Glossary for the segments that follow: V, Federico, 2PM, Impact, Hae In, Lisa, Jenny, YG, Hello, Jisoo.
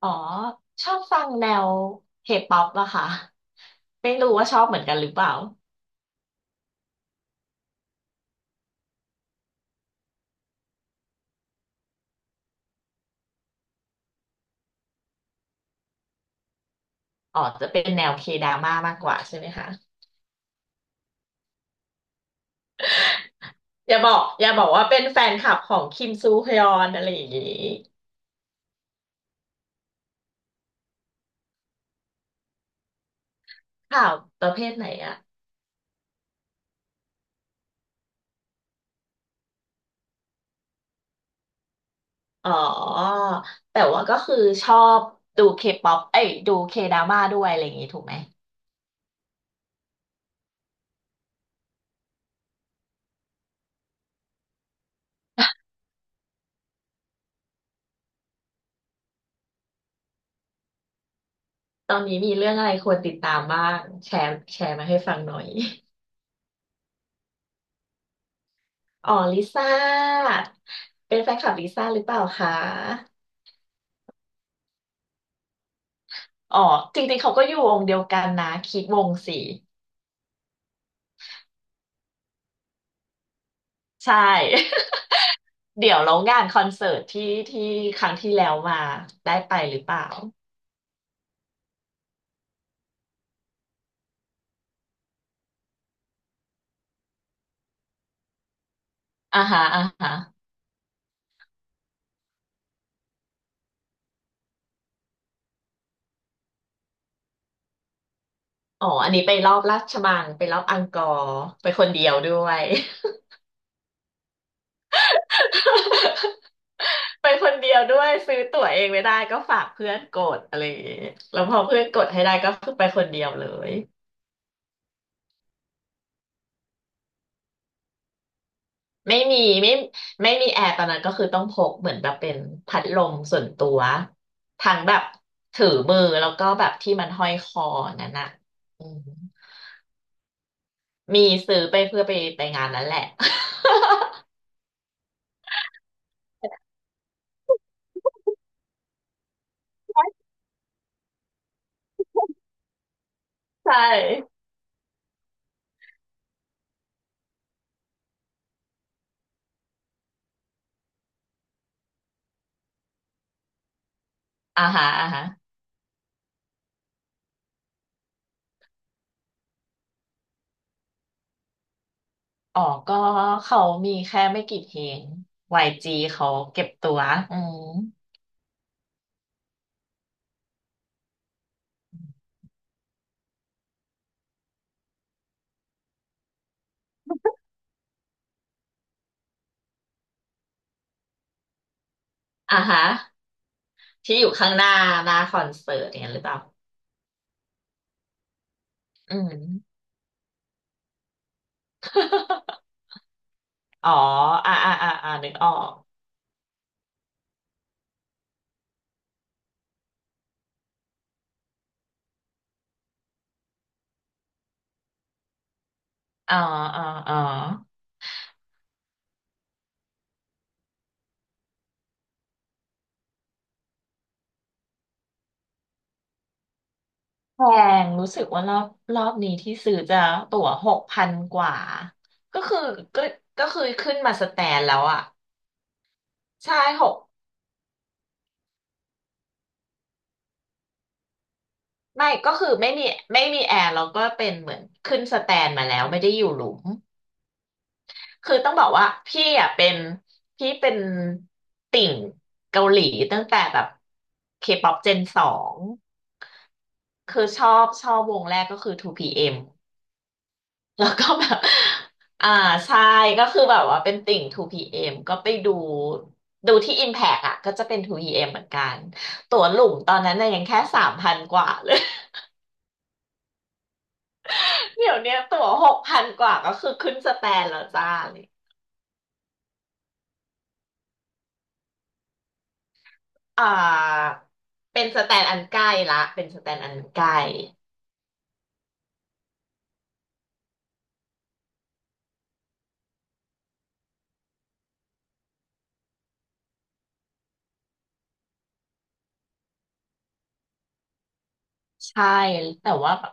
อ๋อชอบฟังแนวเคป๊อปอะค่ะไม่รู้ว่าชอบเหมือนกันหรือเปล่าอ๋อจะเป็นแนวเคดราม่ามากกว่าใช่ไหมคะอย่าบอกอย่าบอกว่าเป็นแฟนคลับของคิมซูฮยอนอะไรอย่างนี้ข่าวประเภทไหนอะอ๋อแต่ว่าก็คือชอบดูเคป๊อปเอ้ยดูเคดราม่าด้วยอะไรอย่างนี้ถูกไหมตอนนี้มีเรื่องอะไรควรติดตามบ้างแชร์แชร์มาให้ฟังหน่อยอ๋อลิซ่าเป็นแฟนคลับลิซ่าหรือเปล่าคะ อ๋อจริงๆเขาก็อยู่วงเดียวกันนะคิดวงสีใช่ เดี๋ยวเรางานคอนเสิร์ตที่ที่ครั้งที่แล้วมาได้ไปหรือเปล่าอ่าฮะอ่าฮะอ๋ออันนี้ไปรอบราชมังไปรอบอังกอร์ไปคนเดียวด้วย ไปคนเดียวด้วยซื้อตั๋วเองไม่ได้ก็ฝากเพื่อนกดอะไรอย่างเงี้ยแล้วพอเพื่อนกดให้ได้ก็คือไปคนเดียวเลย ไม่มีไม่มีแอร์ตอนนั้นก็คือต้องพกเหมือนแบบเป็นพัดลมส่วนตัวทั้งแบบถือมือแล้วก็แบบที่มันห้อยคอนั่นน่ะอืมมีซื้อไปเพื่อไปงานนั้นแหละ ใช่อ่าฮะอ่าฮะอ๋อก็เขามีแค่ไม่กี่เพลง YG เขาเก็บตัวอืมอ่าฮะที่อยู่ข้างหน้าคอนเสิร์ตอย่างนั้นหรือเปล่าอืม อ๋ออ่าอ่าอ่าอ่านึกออก อ๋ออ๋ออ๋อแพงรู้สึกว่ารอบนี้ที่ซื้อจะตั๋วหกพันกว่าก็คือก็ก็คือขึ้นมาสแตนแล้วอ่ะใช่หกไม่ก็คือไม่มีแอร์แล้วก็เป็นเหมือนขึ้นสแตนมาแล้วไม่ได้อยู่หลุม คือต้องบอกว่าพี่เป็นติ่งเกาหลีตั้งแต่แบบเคป๊อปเจนสองคือชอบวงแรกก็คือ 2PM แล้วก็แบบ อ่าใช่ก็คือแบบว่าเป็นติ่ง 2PM ก็ไปดู ดูที่ Impact อ่ะก็จะเป็น 2PM เอ็มเหมือนกัน ตั๋วหลุมตอนนั้นน่ะยังแค่สามพันกว่าเลย เดี๋ยวเนี้ยตั๋วหกพันกว่าก็คือขึ้นสแตนแล้วจ้าเลยอ่าเป็นสแตนอันใกล้ละเป็นสแตนอันใกล้ใช่ แต่ว่าแบบ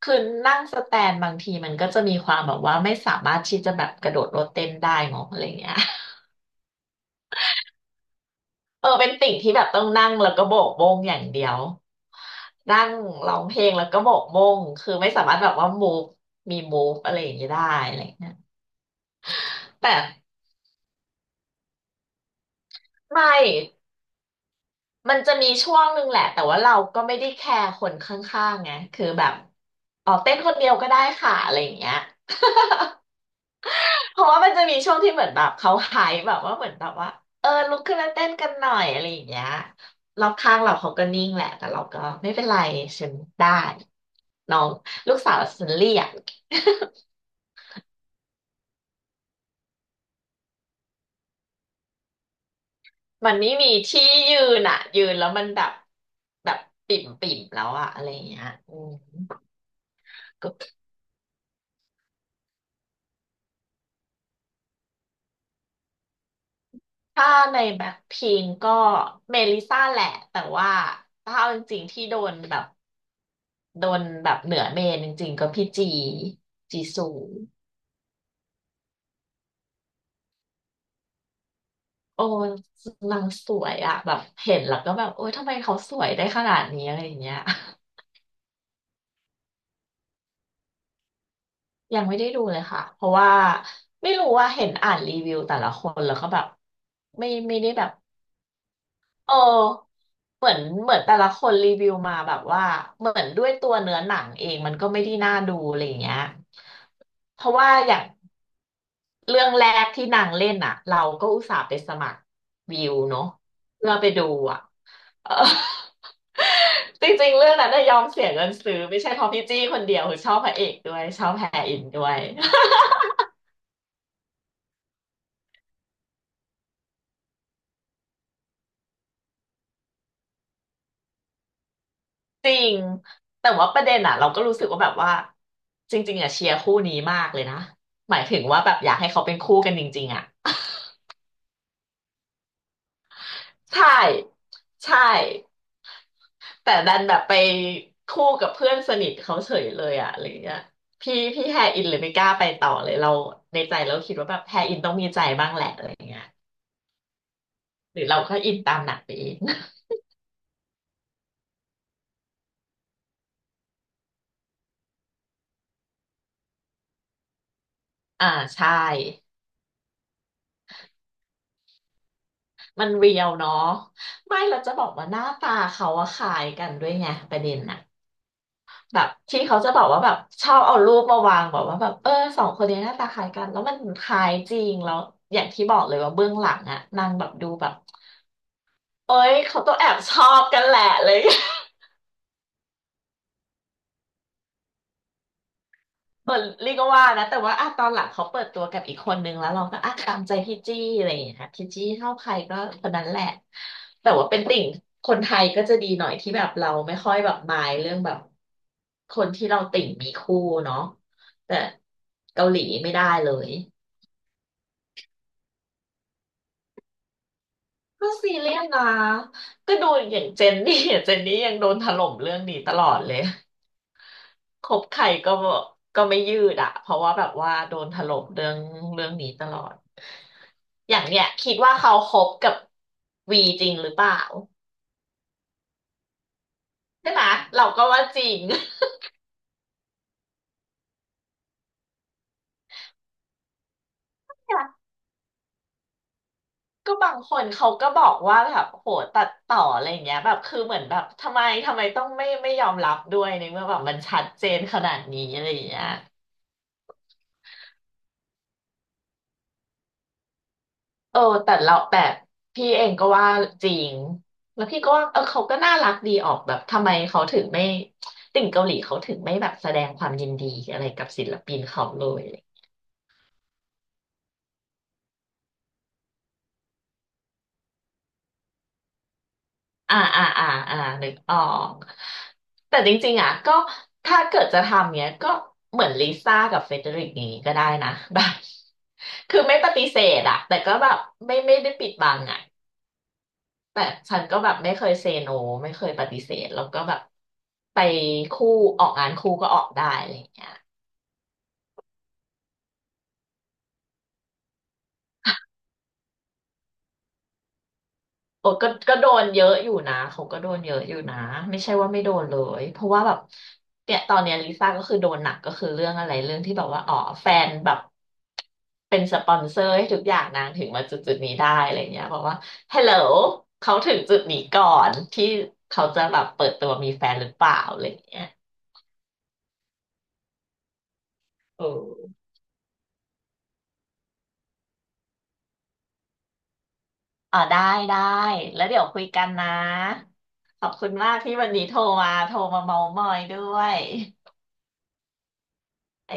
คือนั่งสแตนบางทีมันก็จะมีความแบบว่าไม่สามารถที่จะแบบกระโดดโลดเต้นได้เนาะอะไรเงี้ย เออเป็นติ่งที่แบบต้องนั่งแล้วก็โบกโบงอย่างเดียวนั่งร้องเพลงแล้วก็โบกโบงคือไม่สามารถแบบว่ามูฟมีมูฟอะไรอย่างนี้ได้อะไรอย่างเงี้ยแต่ไม่มันจะมีช่วงหนึ่งแหละแต่ว่าเราก็ไม่ได้แคร์คนข้างๆไงคือแบบอ๋อเต้นคนเดียวก็ได้ค่ะอะไรอย่างเงี้ย เพราะว่ามันจะมีช่วงที่เหมือนแบบเขาไฮป์แบบว่าเหมือนแบบว่าเออลุกขึ้นแล้าเต้นกันหน่อยอะไรอย่างเงี้ยรอบข้างเราเขาก็นิ่งแหละแต่เราก็ไม่เป็นไรฉันได้น้องลูกสาวฉันเรียก มันไม่มีที่ยืนอ่ะยืนแล้วมันแบบแบบปิ่มปิ่มแล้วอะอะไรอย่างเงี้ยอืมก็ถ้าในแบ็คพิงก็เมลิซ่าแหละแต่ว่าถ้าเอาจริงๆที่โดนแบบโดนแบบเหนือเมนจริงๆก็พี่จีซู โอ้นางสวยอะแบบเห็นแล้วก็แบบโอ๊ยทำไมเขาสวยได้ขนาดนี้อะไรอย่างเงี้ย ยังไม่ได้ดูเลยค่ะเพราะว่าไม่รู้ว่าเห็นอ่านรีวิวแต่ละคนแล้วก็แบบไม่ไม่ได้แบบเออเหมือนแต่ละคนรีวิวมาแบบว่าเหมือนด้วยตัวเนื้อหนังเองมันก็ไม่ได้น่าดูอะไรอย่างเงี้ยเพราะว่าอย่างเรื่องแรกที่นางเล่นอะเราก็อุตส่าห์ไปสมัครวิวเนาะเพื่อไปดูอะ เออ จริงๆเรื่องนั้นน่ะยอมเสียเงินซื้อไม่ใช่เพราะพี่จี้คนเดียวคือชอบพระเอกด้วยชอบแฮอินด้วย จริงแต่ว่าประเด็นอ่ะเราก็รู้สึกว่าแบบว่าจริงๆอ่ะเชียร์คู่นี้มากเลยนะหมายถึงว่าแบบอยากให้เขาเป็นคู่กันจริงๆอ่ะ ใช่ใช่แต่ดันแบบไปคู่กับเพื่อนสนิทเขาเฉยเลยอ่ะอะไรเงี้ยพี่แฮอินเลยไม่กล้าไปต่อเลยเราในใจเราคิดว่าแบบแฮอินต้องมีใจบ้างแหละอะไรเงี้ยหรือเราก็อินตามหนังไปเอง อ่าใช่มันเรียวเนาะไม่เราจะบอกว่าหน้าตาเขาอะคล้ายกันด้วยไงประเด็นน่ะแบบที่เขาจะบอกว่าแบบชอบเอารูปมาวางบอกว่าแบบเออสองคนนี้หน้าตาคล้ายกันแล้วมันคล้ายจริงแล้วอย่างที่บอกเลยว่าเบื้องหลังอะนางแบบดูแบบเอ้ยเขาต้องแอบชอบกันแหละเลย เออเรียกว่านะแต่ว่าอ่ะตอนหลังเขาเปิดตัวกับอีกคนนึงแล้วเราก็อ่ะตามใจพี่จี้อะไรอย่างเงี้ยพี่จี้เท่าใครก็คนนั้นแหละแต่ว่าเป็นติ่งคนไทยก็จะดีหน่อยที่แบบเราไม่ค่อยแบบมายเรื่องแบบคนที่เราติ่งมีคู่เนาะแต่เกาหลีไม่ได้เลยก็ซีเรียสนะก็ดูอย่างเจนนี่เจนนี่ยังโดนถล่มเรื่องนี้ตลอดเลย คบใครก็ไม่ยืดอะเพราะว่าแบบว่าโดนถล่มเรื่องนี้ตลอดอย่างเนี้ยคิดว่าเขาคบกับวีจริงหรือเปล่าใช่ไหมเราก็ว่าจริง เนี่ยก็บางคนเขาก็บอกว่าแบบโหตัดต่ออะไรอย่างเงี้ยแบบคือเหมือนแบบทำไมต้องไม่ยอมรับด้วยในเมื่อแบบมันชัดเจนขนาดนี้อะไรอย่างเงี้ย เออแต่เราแบบพี่เองก็ว่าจริงแล้วพี่ก็ว่าเออเขาก็น่ารักดีออกแบบทำไมเขาถึงไม่ติ่งเกาหลีเขาถึงไม่แบบแสดงความยินดีอะไรกับศิลปินเขาเลยอ่าอ่าอ่าอ่านึกออกแต่จริงๆอ่ะก็ถ้าเกิดจะทำเนี้ยก็เหมือนลิซ่ากับเฟเดริกอย่างนี้ก็ได้นะแบบคือไม่ปฏิเสธอ่ะแต่ก็แบบไม่ได้ปิดบังอ่ะ แต่ฉันก็แบบไม่เคยเซโนไม่เคยปฏิเสธแล้วก็แบบไปคู่ออกงานคู่ก็ออกได้อะไรอย่างเงี้ยโอ้ก็โดนเยอะอยู่นะเขาก็โดนเยอะอยู่นะไม่ใช่ว่าไม่โดนเลยเพราะว่าแบบเนี่ยตอนเนี้ยลิซ่าก็คือโดนหนักก็คือเรื่องอะไรเรื่องที่แบบว่าอ๋อแฟนแบบเป็นสปอนเซอร์ให้ทุกอย่างนางถึงมาจุดนี้ได้อะไรเงี้ยบอกว่า Hello เขาถึงจุดนี้ก่อนที่เขาจะแบบเปิดตัวมีแฟนหรือเปล่าอะไรเงี้ยเออ อ๋อได้ได้แล้วเดี๋ยวคุยกันนะขอบคุณมากที่วันนี้โทรมาเมามอยด้วย